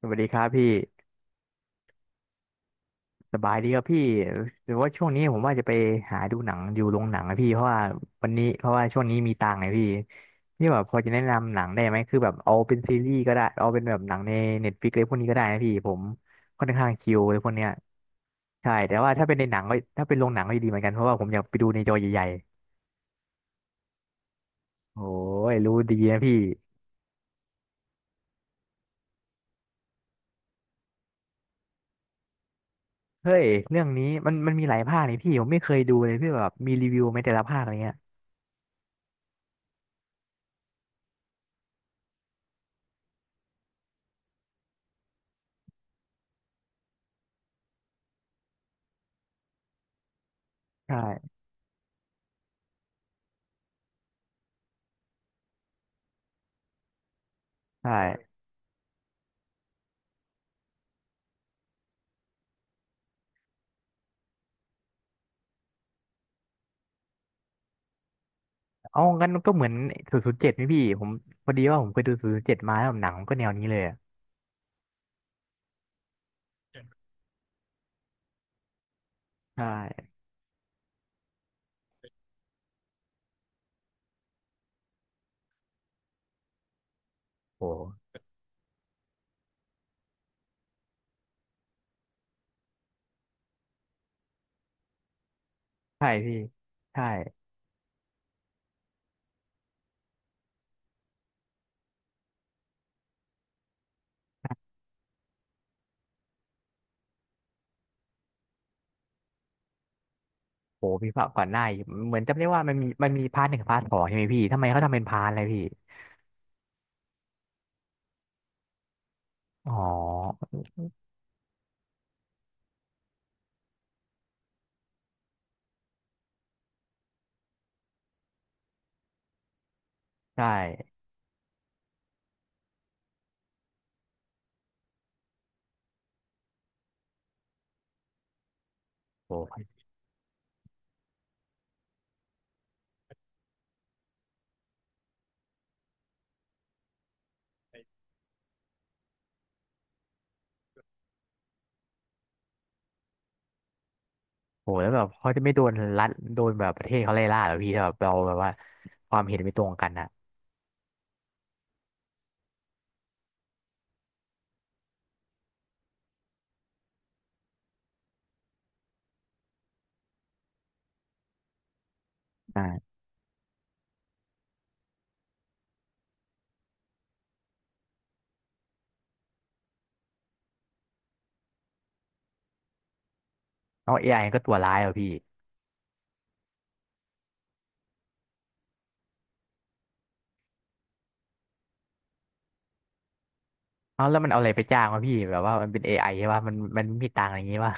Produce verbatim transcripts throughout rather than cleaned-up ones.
สวัสดีครับพี่สบายดีครับพี่หรือว่าช่วงนี้ผมว่าจะไปหาดูหนังอยู่โรงหนังนะพี่เพราะว่าวันนี้เพราะว่าช่วงนี้มีตังค์ไงพี่พี่แบบพอจะแนะนำหนังได้ไหมคือแบบเอาเป็นซีรีส์ก็ได้เอาเป็นแบบหนังในเน็ตฟลิกอะไรพวกนี้ก็ได้นะพี่ผมค่อนข้างคิวเลยพวกเนี้ยใช่แต่ว่าถ้าเป็นในหนังก็ถ้าเป็นโรงหนังก็ดีเหมือนกันเพราะว่าผมอยากไปดูในจอใหญ่ๆโอ้ยรู้ดีนะพี่เฮ้ยเรื่องนี้มันมันมีหลายภาคนี่พี่ผมไม่เคยดูเลยพี่แบบมีรีวิวไหมแต่ละภาคอะไรเงี้ยใช่ใช่ เอางั้นก็เหมือนศูนย์ศูนย์เจ็ดไี่พี่ผมพอดีว่าผมเคยดูศูนย์ศูนย์เจ็ดมาแล้วหนังมันก็แนวนี้เลยอะใช่โอ้ใช่พี่ใช่โอ้พี่ภาคก่อนหน้าอีกเหมือนจำได้ว่ามันมีมันมีพาร์ทหนึ่งพาร์ทสองใช่ไหมพี่ทำไมเขาทำเป็นพาร์ทอะไรพี่อ๋อใช่โอ้โหแล้วแบบเขาจะไม่โดนรัฐโดนแบบประเทศเขาไล่ล่าเหรอพี่ถ้าแบบเราแบบว่าความเห็นไม่ตรงกันอะใช่เอาเอไอก็ตัวร้ายเหรอพี่เอาแล้วมันเอาอะไรไปจ้างวะพี่แบบว่ามันเป็นเอไอใช่ป่ะมันมันไมมีตังค์อะไรอย่างงี้ป่ะ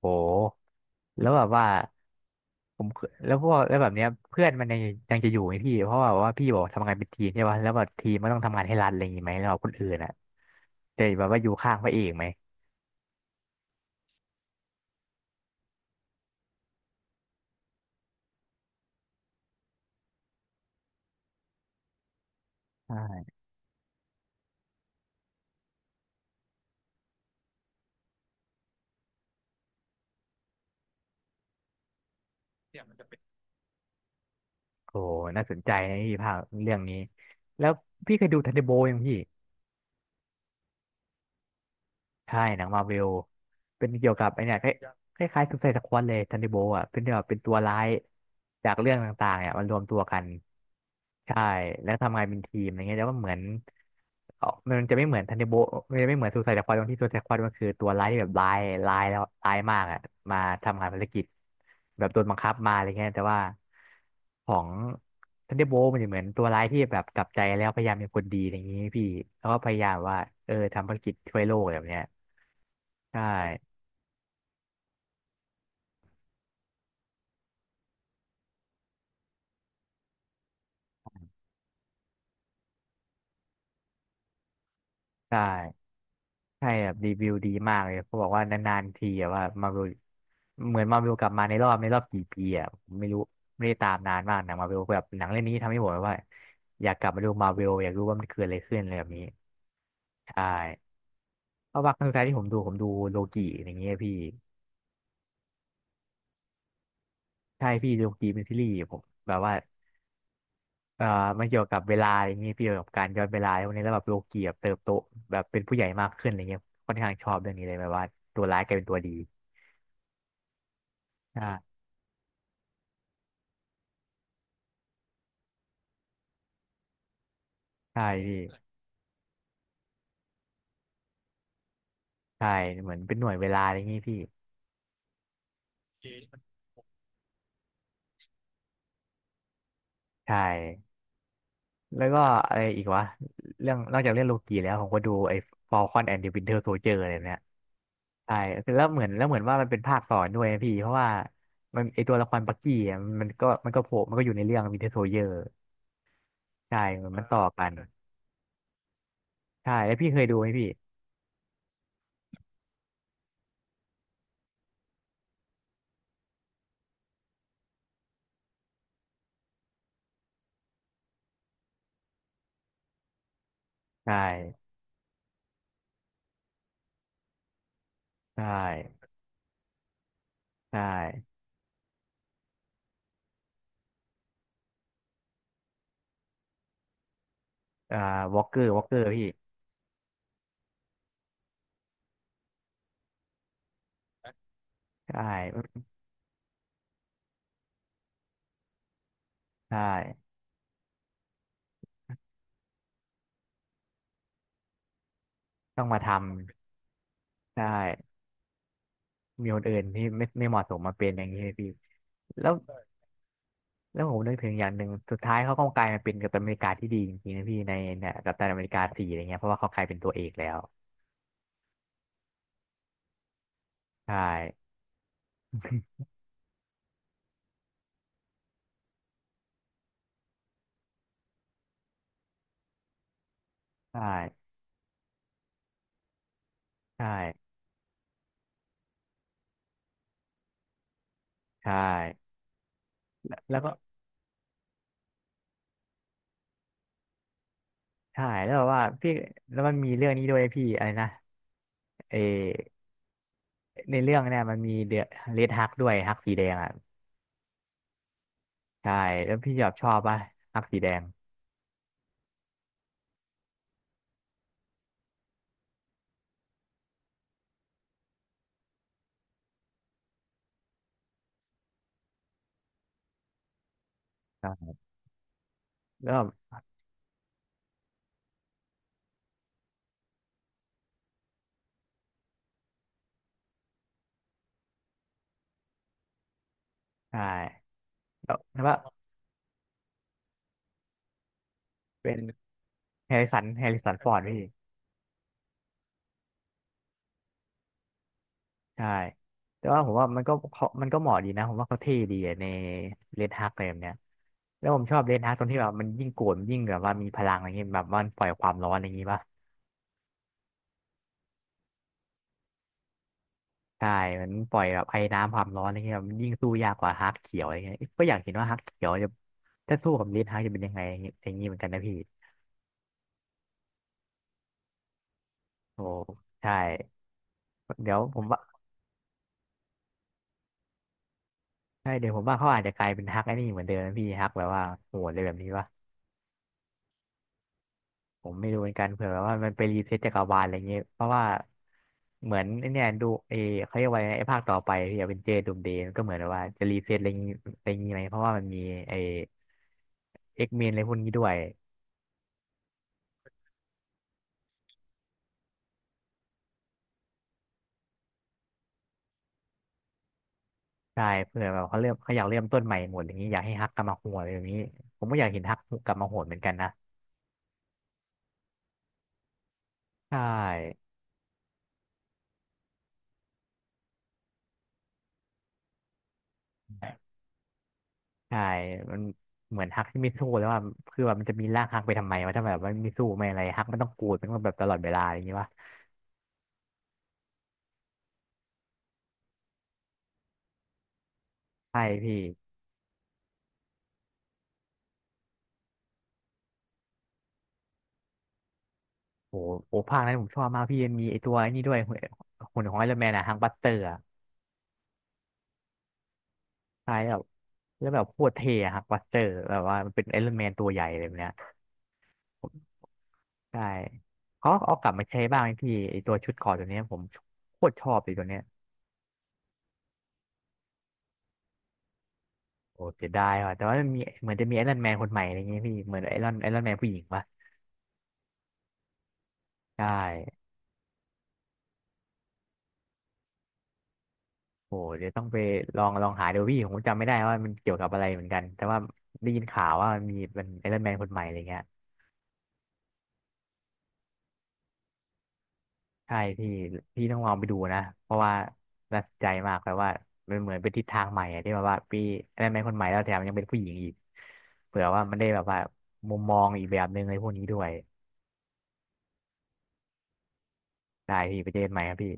โหแล้วแบบว่า ผมเคยแล้วพวกแล้วแบบเนี้ยเพื่อนมันยังยังจะอยู่ไหมพี่เพราะว่าแบบว่าพี่บอกทำงานเป็นทีมใช่ป่ะแล้วแบบทีมมันต้องทำงานให้รัฐอะไรอย่างงี้ไหมแล้วแบบคนอื่นอ่ะจะแบบว่าอยู่ข้างพระเอกไหมใช่โอ้น่าสนใจนะพี่ภาคเรื่องนี้แล้วพี่เคยดูทันเดอร์โบลยังพี่ใช่หนังมาเวล เป็นเกี่ยวกับไอเนี่ยคล้ายคล้ายๆสุไซด์สควอดเลยทันนิโบอ่ะเป็นแบบเป็นตัวร้ายจากเรื่องต่างๆเนี่ยมันรวมตัวกันใช่แล้วทำงานเป็นทีมอะไรเงี้ยแล้วก็เหมือนเออมันจะไม่เหมือนทันนิโบมันจะไม่เหมือนสุไซด์สควอดตรงที่ซูไซด์สควอดมันคือตัวร้ายที่แบบร้ายร้ายแล้วร้ายมากอ่ะมาทำงานภารกิจแบบโดนบังคับมาอะไรเงี้ยแต่ว่าของทันนิโบมันจะเหมือนตัวร้ายที่แบบกลับใจแล้วพยายามเป็นคนดีอะไรอย่างงี้พี่แล้วก็พยายามว่าเออทำภารกิจช่วยโลกแบบเนี้ยใช่ ใช่ใช่แบบรีวิวดีมากเลยเขาบอกว่านานๆทีอะว่ามาวิวเหมือนมาวิวกลับมาในรอบในรอบกี่ปีอะผมไม่รู้ไม่ได้ตามนานมากหนังมาวิวแบบหนังเรื่องนี้ทำให้ผมแบบว่าอยากกลับมาดูมาวิวอยากรู้ว่ามันเกิดอะไรขึ้นอะไรแบบนี้ใช่เพราะว่าครั้งสุดท้ายที่ผมดูผมดูโลกิอย่างเงี้ยพี่ใช่พี่โลกิเป็นซีรีส์ผมแบบว่าเออมันเกี่ยวกับเวลาอย่างเงี้ยพี่เกี่ยวกับการย้อนเวลาพวกนี้แล้วแบบโลกิแบบเติบโตแบบเป็นผู้ใหญ่มากขึ้นอะไรเงี้ยค่อนข้างชอบเรื่องนี้เลยแบบว่าตัวร้ายกลายเป็นตัวดีใช่ใช่พี่ ใช่เหมือนเป็นหน่วยเวลาอะไรอย่างงี้พี่ใช่แล้วก็อะไรอีกวะเรื่องนอกจากเรื่องโลกีแล้วผมก็ดูไอ้ Falcon and the Winter Soldier อะไรเนี่ยใช่แล้วเหมือนแล้วเหมือนว่ามันเป็นภาคต่อด้วยนะพี่เพราะว่ามันไอตัวละครบักกี้อะมันก็มันก็โผล่มันก็อยู่ในเรื่อง Winter Soldier ใช่เหมือนมันต่อกันใช่แล้วพี่เคยดูไหมพี่ใช่ใช่ใช่อ่าวอล์กเกอร์วอล์กเกอร์พี่ใช่ใช่ต้องมาทำใช่มีคนอื่นที่ไม่ไม่เหมาะสมมาเป็นอย่างนี้เลยพี่แล้ว แล้วผมนึกถึงอย่างหนึ่งสุดท้ายเขาก็กลายมาเป็นกัปตันอเมริกาที่ดีจริงๆนะพี่ในเนี่ยกัปตันอเมริกาสี่อะไรเงี้ยเพราะว่าเขากลายเป็นตัวเอกแล้วใช่ใช่ใช่ใช่แล้วแล้วก็ใช่แล้วแบบว่าพี่แล้วมันมีเรื่องนี้ด้วยพี่อะไรนะเออในเรื่องเนี่ยมันมีเดอะเรดฮักด้วยฮักสีแดงอ่ะใช่แล้วพี่ชอบชอบป่ะฮักสีแดงแล้วแบบใช่แล้วแล้วว่าเป็นแฮร์ริสันแฮร์ริสันฟอร์ดพี่ ใช่แต่ว่าผมว่ามันก็เขามันก็เหมาะดีนะผมว่าเขาเท่ดีอะในเรดฮักอะไรแบบเนี้ยแล้วผมชอบเรดฮักตรงที่แบบมันยิ่งโกรธมันยิ่งแบบว่ามีพลังอะไรเงี้ยแบบว่ามันปล่อยความร้อนอะไรอย่างงี้ป่ะใช่มันปล่อยแบบไอ้น้ำความร้อนอะไรเงี้ยมันยิ่งสู้ยากกว่าฮักเขียวอะไรเงี้ยก็อยากเห็นว่าฮักเขียวจะถ้าสู้กับเรดฮักจะเป็นยังไงอย่างงี้อย่างงี้เหมือนกันนะพี่โอ้ใช่เดี๋ยวผมว่าใช่เดี๋ยวผมว่าเขาอาจจะกลายเป็นฮักไอ้นี่เหมือนเดิมนะพี่ฮักแบบว่าโหดเลยแบบนี้ป่ะ ผมไม่รู้เหมือนกันเผื่อแบบว่ามันไปรีเซ็ตจักรวาลอะไรเงี้ยเพราะว่าเหมือนไอ้เนี่ยดูเอเขาเรียกว่าไงไอ้ภาคต่อไปที่อเวนเจอร์ดูมเดย์มันก็เหมือนแบบว่าจะรีเซ็ตอะไรงี้อะไรงี้ไหมเพราะว่ามันมีไอ้เอ็กเมนอะไรพวกนี้ด้วยใช่เผื่อแบบเขาเริ่มเขาอยากเริ่มต้นใหม่หมดอย่างนี้อยากให้ฮักกลับมาโหดอะไรอย่างนี้ผมก็อยากเห็นฮักกลับมาโหดเหมือนกันนะใช่ใช่มันเหมือนฮักที่ไม่สู้แล้วว่าคือแบบมันจะมีร่างฮักไปทำไมวะถ้าแบบม่นไม่สู้ไม่อะไรฮักมันต้องกูดมันต้องแบบตลอดเวลาอย่างงี้วะใช่พี่ โอ้โอ้ภาคนั้นผมชอบมากพี่ยังมีไอตัวไอ้นี่ด้วยหุ่นหุ่นของไอรอนแมนอะฮังบัสเตอร์อะใช่แบบแล้วแบบโคตรเท่อะฮังบัสเตอร์แบบว่ามันเป็นไอรอนแมนตัวใหญ่เลยแบบเนี้ยใช่เขาเอากลับมาใช้บ้างไหมพี่ไอตัวชุดเกราะตัวเนี้ยผมโคตรชอบเลยตัวเนี้ยโอ้เสียดายว่ะแต่ว่ามันมีเหมือนจะมีไอรอนแมนคนใหม่อะไรเงี้ยพี่เหมือนไอรอนไอรอนแมนผู้หญิงปะใช่โอ้เดี๋ยวต้องไปลองลองหาดูพี่ผมจำไม่ได้ว่ามันเกี่ยวกับอะไรเหมือนกันแต่ว่าได้ยินข่าวว่ามันมีเป็นไอรอนแมนคนใหม่อะไรเงี้ย ใช่พี่พี่ต้องลองไปดูนะเพราะว่าน่าสนใจมากแบบว่ามันเหมือนเป็นทิศทางใหม่อะที่แบบว่าพี่ได้ไหมคนใหม่แล้วแถมยังเป็นผู้หญิงอีกเผื่อว่ามันได้แบบว่ามุมมองอีกแบบหนึ่งในพวกนี้ด้วยได้พี่ไปเจอกันใหม่ครับพี่